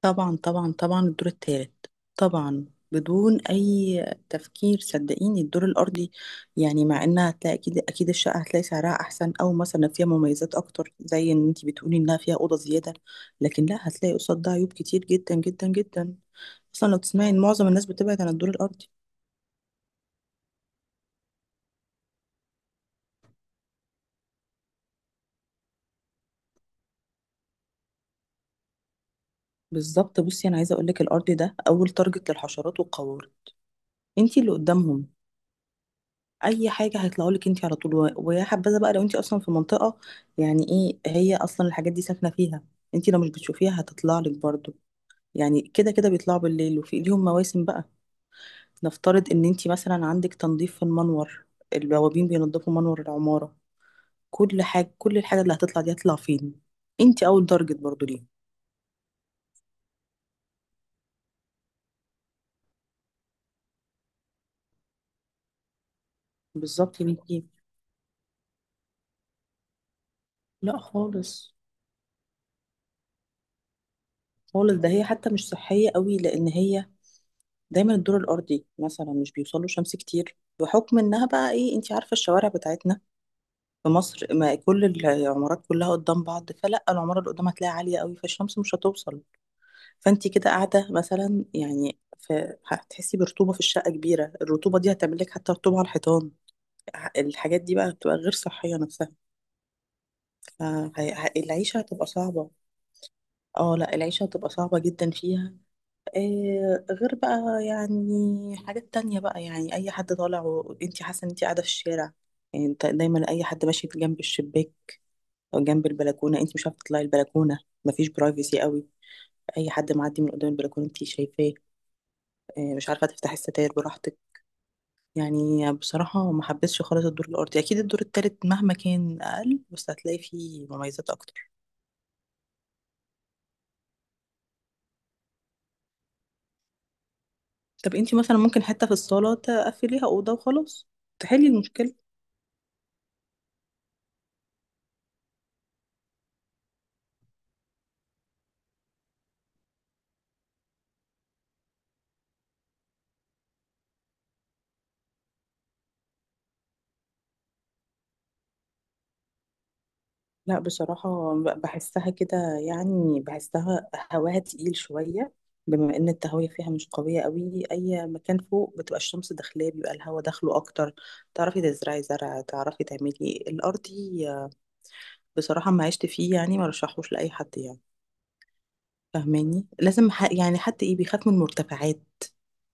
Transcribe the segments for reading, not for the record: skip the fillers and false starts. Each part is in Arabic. طبعا، طبعا، طبعا الدور الثالث. طبعا، بدون اي تفكير صدقيني الدور الارضي. يعني مع انها هتلاقي اكيد اكيد الشقه هتلاقي سعرها احسن، او مثلا فيها مميزات اكتر، زي ان انت بتقولي انها فيها اوضه زياده. لكن لا، هتلاقي قصاد ده عيوب كتير جدا جدا جدا. اصلا لو تسمعي ان معظم الناس بتبعد عن الدور الارضي. بالظبط، بصي انا عايزه اقول لك، الارضي ده اول تارجت للحشرات والقوارض. انت اللي قدامهم، اي حاجه هيطلعوا لك انت على طول. ويا حبذا بقى لو انت اصلا في منطقه، يعني ايه هي اصلا الحاجات دي ساكنه فيها. انت لو مش بتشوفيها هتطلع لك برضو. يعني كده كده بيطلعوا بالليل، وفي ليهم مواسم بقى. نفترض ان انت مثلا عندك تنظيف في المنور، البوابين بينظفوا منور العماره، كل الحاجه اللي هتطلع دي هتطلع فين؟ انت اول درجه برضو ليه. بالظبط يا بنتي. لا خالص. خالص، ده هي حتى مش صحيه قوي، لان هي دايما الدور الارضي مثلا مش بيوصل له شمس كتير، بحكم انها بقى ايه، انت عارفه الشوارع بتاعتنا في مصر، ما كل العمارات كلها قدام بعض، فلا العماره اللي قدام هتلاقيها عاليه قوي، فالشمس مش هتوصل. فانت كده قاعده مثلا يعني هتحسي برطوبه في الشقه كبيره، الرطوبه دي هتعمل لك حتى رطوبه على الحيطان. الحاجات دي بقى بتبقى غير صحيه نفسها، فالعيشه هتبقى صعبه. اه لا، العيشه هتبقى صعبه جدا فيها. آه، غير بقى يعني حاجات تانية بقى، يعني أي حد طالع وأنت حاسة إن أنت قاعدة في الشارع. يعني أنت دايما أي حد ماشي جنب الشباك أو جنب البلكونة، أنت مش عارفة تطلعي البلكونة، مفيش برايفسي قوي. أي حد معدي من قدام البلكونة أنت شايفاه. آه، مش عارفة تفتحي الستاير براحتك. يعني بصراحة ما حبيتش خالص الدور الأرضي. أكيد الدور التالت مهما كان أقل، بس هتلاقي فيه مميزات أكتر. طب أنت مثلا ممكن حتة في الصالة تقفليها أوضة وخلاص، تحلي المشكلة. لا بصراحة، بحسها كده. يعني بحسها هواها تقيل شوية، بما ان التهوية فيها مش قوية قوي. اي مكان فوق بتبقى الشمس داخلاه، بيبقى الهوا داخله اكتر، تعرفي تزرعي زرع، تعرفي تعملي الارضي. بصراحة ما عشت فيه، يعني ما رشحوش لأي حد يعني. فاهماني لازم يعني حتى ايه، بيخاف من المرتفعات،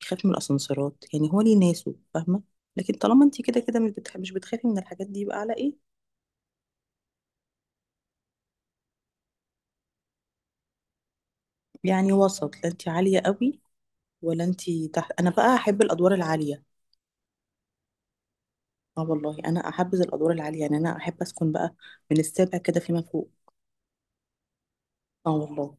بيخاف من الاسانسيرات. يعني هو ليه ناسه فاهمة. لكن طالما انت كده كده مش بتخافي من الحاجات دي، يبقى على ايه. يعني وسط، لا انت عالية قوي ولا انتي تحت. انا بقى احب الادوار العاليه. اه والله انا احبذ الادوار العاليه، يعني انا احب اسكن بقى من السابع كده فيما فوق. اه والله.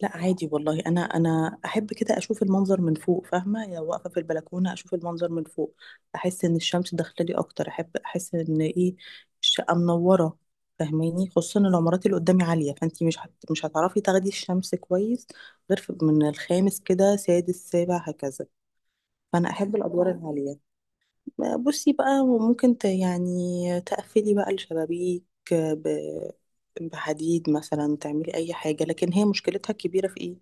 لا عادي والله، انا احب كده اشوف المنظر من فوق. فاهمه يعني، واقفه في البلكونه اشوف المنظر من فوق، احس ان الشمس داخله لي اكتر. احب احس ان ايه، الشقه منوره. فاهماني، خصوصا العمارات اللي قدامي عاليه، فانتي مش هتعرفي تاخدي الشمس كويس، غير من الخامس كده، سادس، سابع، هكذا. فانا احب الادوار العاليه. بصي بقى ممكن يعني تقفلي بقى الشبابيك ب- بحديد مثلا، تعملي اي حاجة. لكن هي مشكلتها الكبيرة في ايه،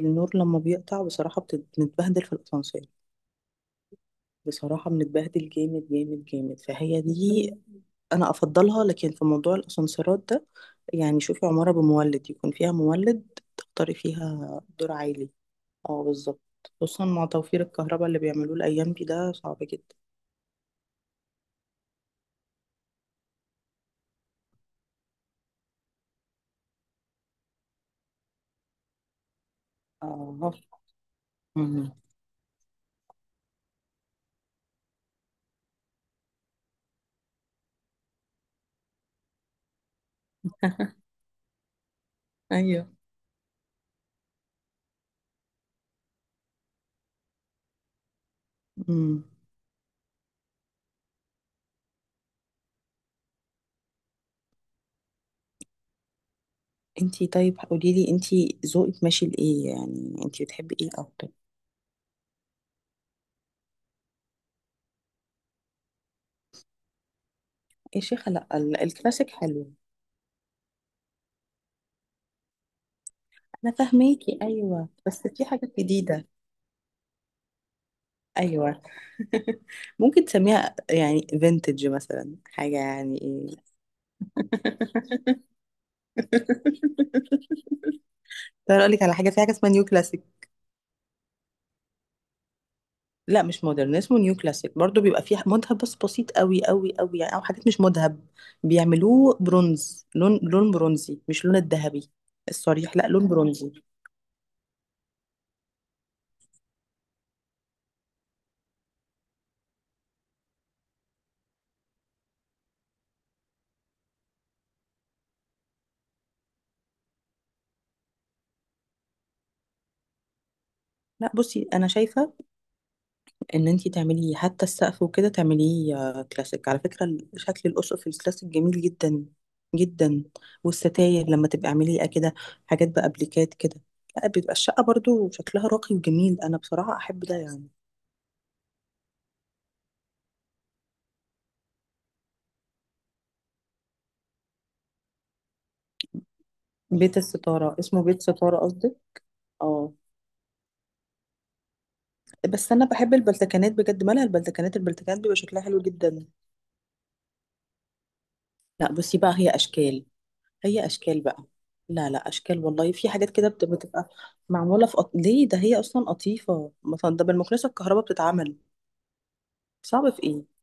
النور لما بيقطع بصراحة بنتبهدل في الاسانسير، بصراحة بنتبهدل جامد جامد جامد. فهي دي انا افضلها، لكن في موضوع الاسانسيرات ده. يعني شوفي عمارة بمولد، يكون فيها مولد، تختاري فيها دور عالي. اه بالظبط، خصوصا مع توفير الكهرباء اللي بيعملوه الايام دي، ده صعب جدا. اه. مم. ايوه. امم انتي طيب قولي لي، انتي ذوقك ماشي لايه، يعني انتي بتحبي ايه اكتر؟ يا شيخه لا، الكلاسيك حلو. انا فاهماكي ايوه، بس في حاجات جديده. ايوه. ممكن تسميها يعني فينتج مثلا، حاجه يعني ايه. ترى اقول لك على حاجه، في حاجه اسمها نيو. لا مش مودرن، اسمه نيو كلاسيك. برضو بيبقى فيه مذهب بس بسيط قوي قوي قوي، يعني او حاجات مش مذهب، بيعملوه برونز، لون برونزي، مش لون الذهبي الصريح. لا، لون برونزي. لا بصي انا شايفه ان انتي تعمليه، حتى السقف وكده تعمليه كلاسيك. على فكره شكل الاسقف الكلاسيك جميل جدا جدا. والستاير لما تبقى اعمليه كده، حاجات بابليكات كده، لا بيبقى الشقه برضو شكلها راقي وجميل. انا بصراحه احب ده يعني. بيت الستاره، اسمه بيت ستاره قصدي. اه، بس انا بحب البلتكانات بجد. مالها البلتكانات؟ البلتكانات بيبقى شكلها حلو جدا. لا بصي بقى، هي اشكال، هي اشكال بقى، لا لا، اشكال والله. في حاجات كده بتبقى ليه ده، هي اصلا قطيفه مثلا، ده بالمكنسه الكهرباء بتتعمل. صعب في ايه،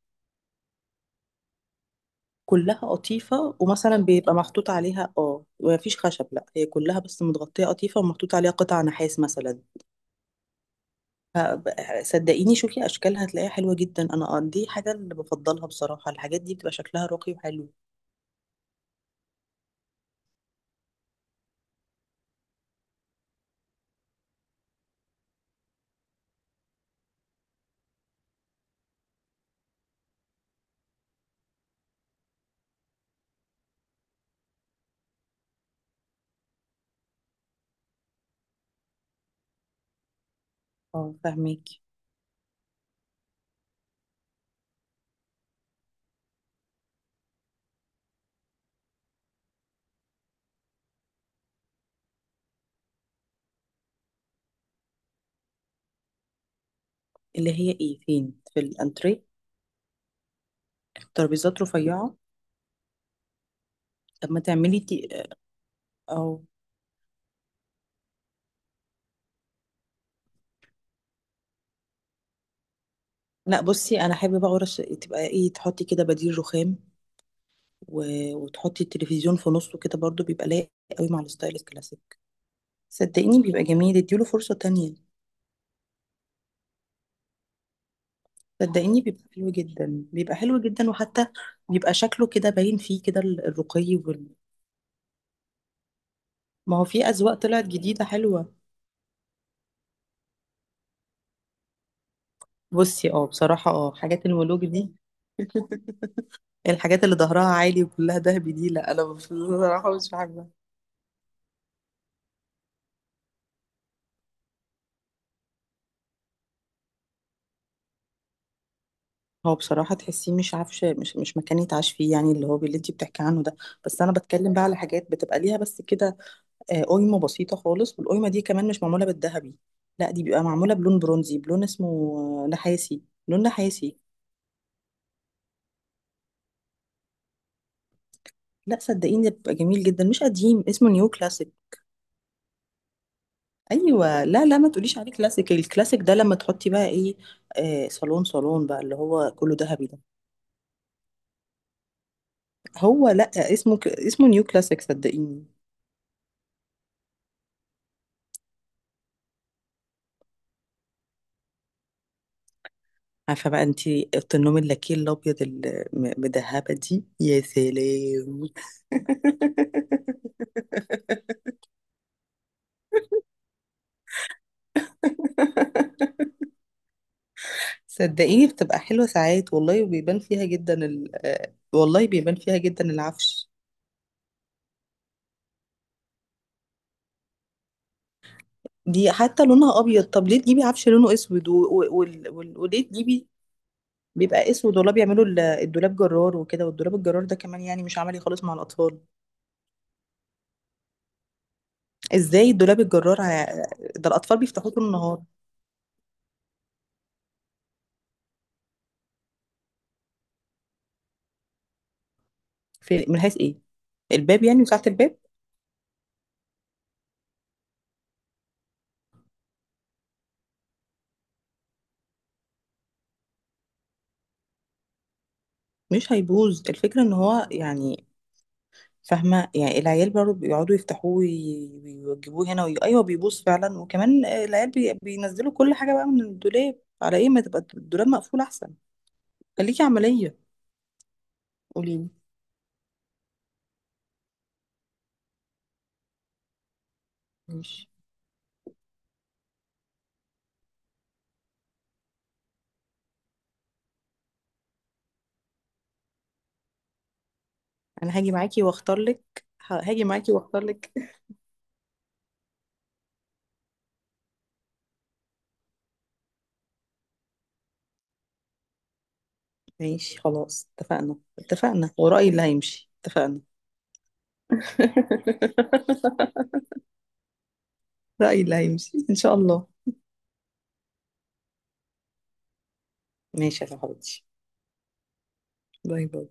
كلها قطيفه، ومثلا بيبقى محطوط عليها، اه مفيش خشب، لا هي كلها بس متغطيه قطيفه، ومحطوط عليها قطع نحاس مثلا. ف- ب- صدقيني شوفي اشكالها، هتلاقيها حلوه جدا. انا دي حاجه اللي بفضلها بصراحه. الحاجات دي بتبقى شكلها راقي وحلو. اه فاهمك. اللي هي ايه فين، في الانتريه؟ ترابيزات رفيعه. طب ما تعملي او، لا بصي انا حابه بقى، ورش تبقى ايه، تحطي كده بديل رخام، و... وتحطي التلفزيون في نصه كده، برضو بيبقى لايق قوي مع الستايل الكلاسيك. صدقيني بيبقى جميل، اديله فرصه تانية. صدقيني بيبقى حلو جدا، بيبقى حلو جدا، وحتى بيبقى شكله كده باين فيه كده الرقي ما هو في اذواق طلعت جديده حلوه. بصي بصراحه حاجات المولوج دي. الحاجات اللي ظهرها عالي وكلها دهبي دي، لا انا بصراحه مش بحبها. هو بصراحة تحسيه مش عارفة، مش مكان يتعاش فيه يعني، اللي هو اللي انت بتحكي عنه ده. بس أنا بتكلم بقى على حاجات بتبقى ليها بس كده، قايمة بسيطة خالص، والقايمة دي كمان مش معمولة بالذهبي، لا دي بيبقى معمولة بلون برونزي، بلون اسمه نحاسي، لون نحاسي. لا صدقيني ده بيبقى جميل جدا، مش قديم، اسمه نيو كلاسيك. أيوة لا لا، ما تقوليش عليه كلاسيك، الكلاسيك ده لما تحطي بقى ايه صالون، صالون بقى اللي هو كله ذهبي ده. هو لا، اسمه نيو كلاسيك صدقيني. عارفه بقى انت اوضه النوم اللاكيه الابيض المدهبه دي، يا سلام. صدقيني بتبقى حلوه ساعات والله، وبيبان فيها جدا والله بيبان فيها جدا العفش. دي حتى لونها ابيض، طب ليه تجيبي عفش لونه اسود، وليه تجيبي؟ بيبقى اسود والله، بيعملوا الدولاب جرار وكده. والدولاب الجرار ده كمان يعني مش عملي خالص مع الاطفال. ازاي الدولاب الجرار ده الاطفال بيفتحوه طول النهار؟ في من حيث ايه، الباب يعني، وساعة الباب مش هيبوظ. الفكرة ان هو يعني، فاهمة يعني، العيال برضه بيقعدوا يفتحوه ويوجبوه هنا ايوه بيبوظ فعلا، وكمان العيال بينزلوا كل حاجة بقى من الدولاب، على ايه ما تبقى الدولاب مقفول احسن. خليكي عملية. قوليلي. ماشي. انا هاجي معاكي واختار لك، هاجي معاكي واختار لك. ماشي خلاص، اتفقنا، اتفقنا، ورأيي اللي هيمشي، اتفقنا. رأيي اللي هيمشي إن شاء الله. ماشي يا صاحبتي. باي باي.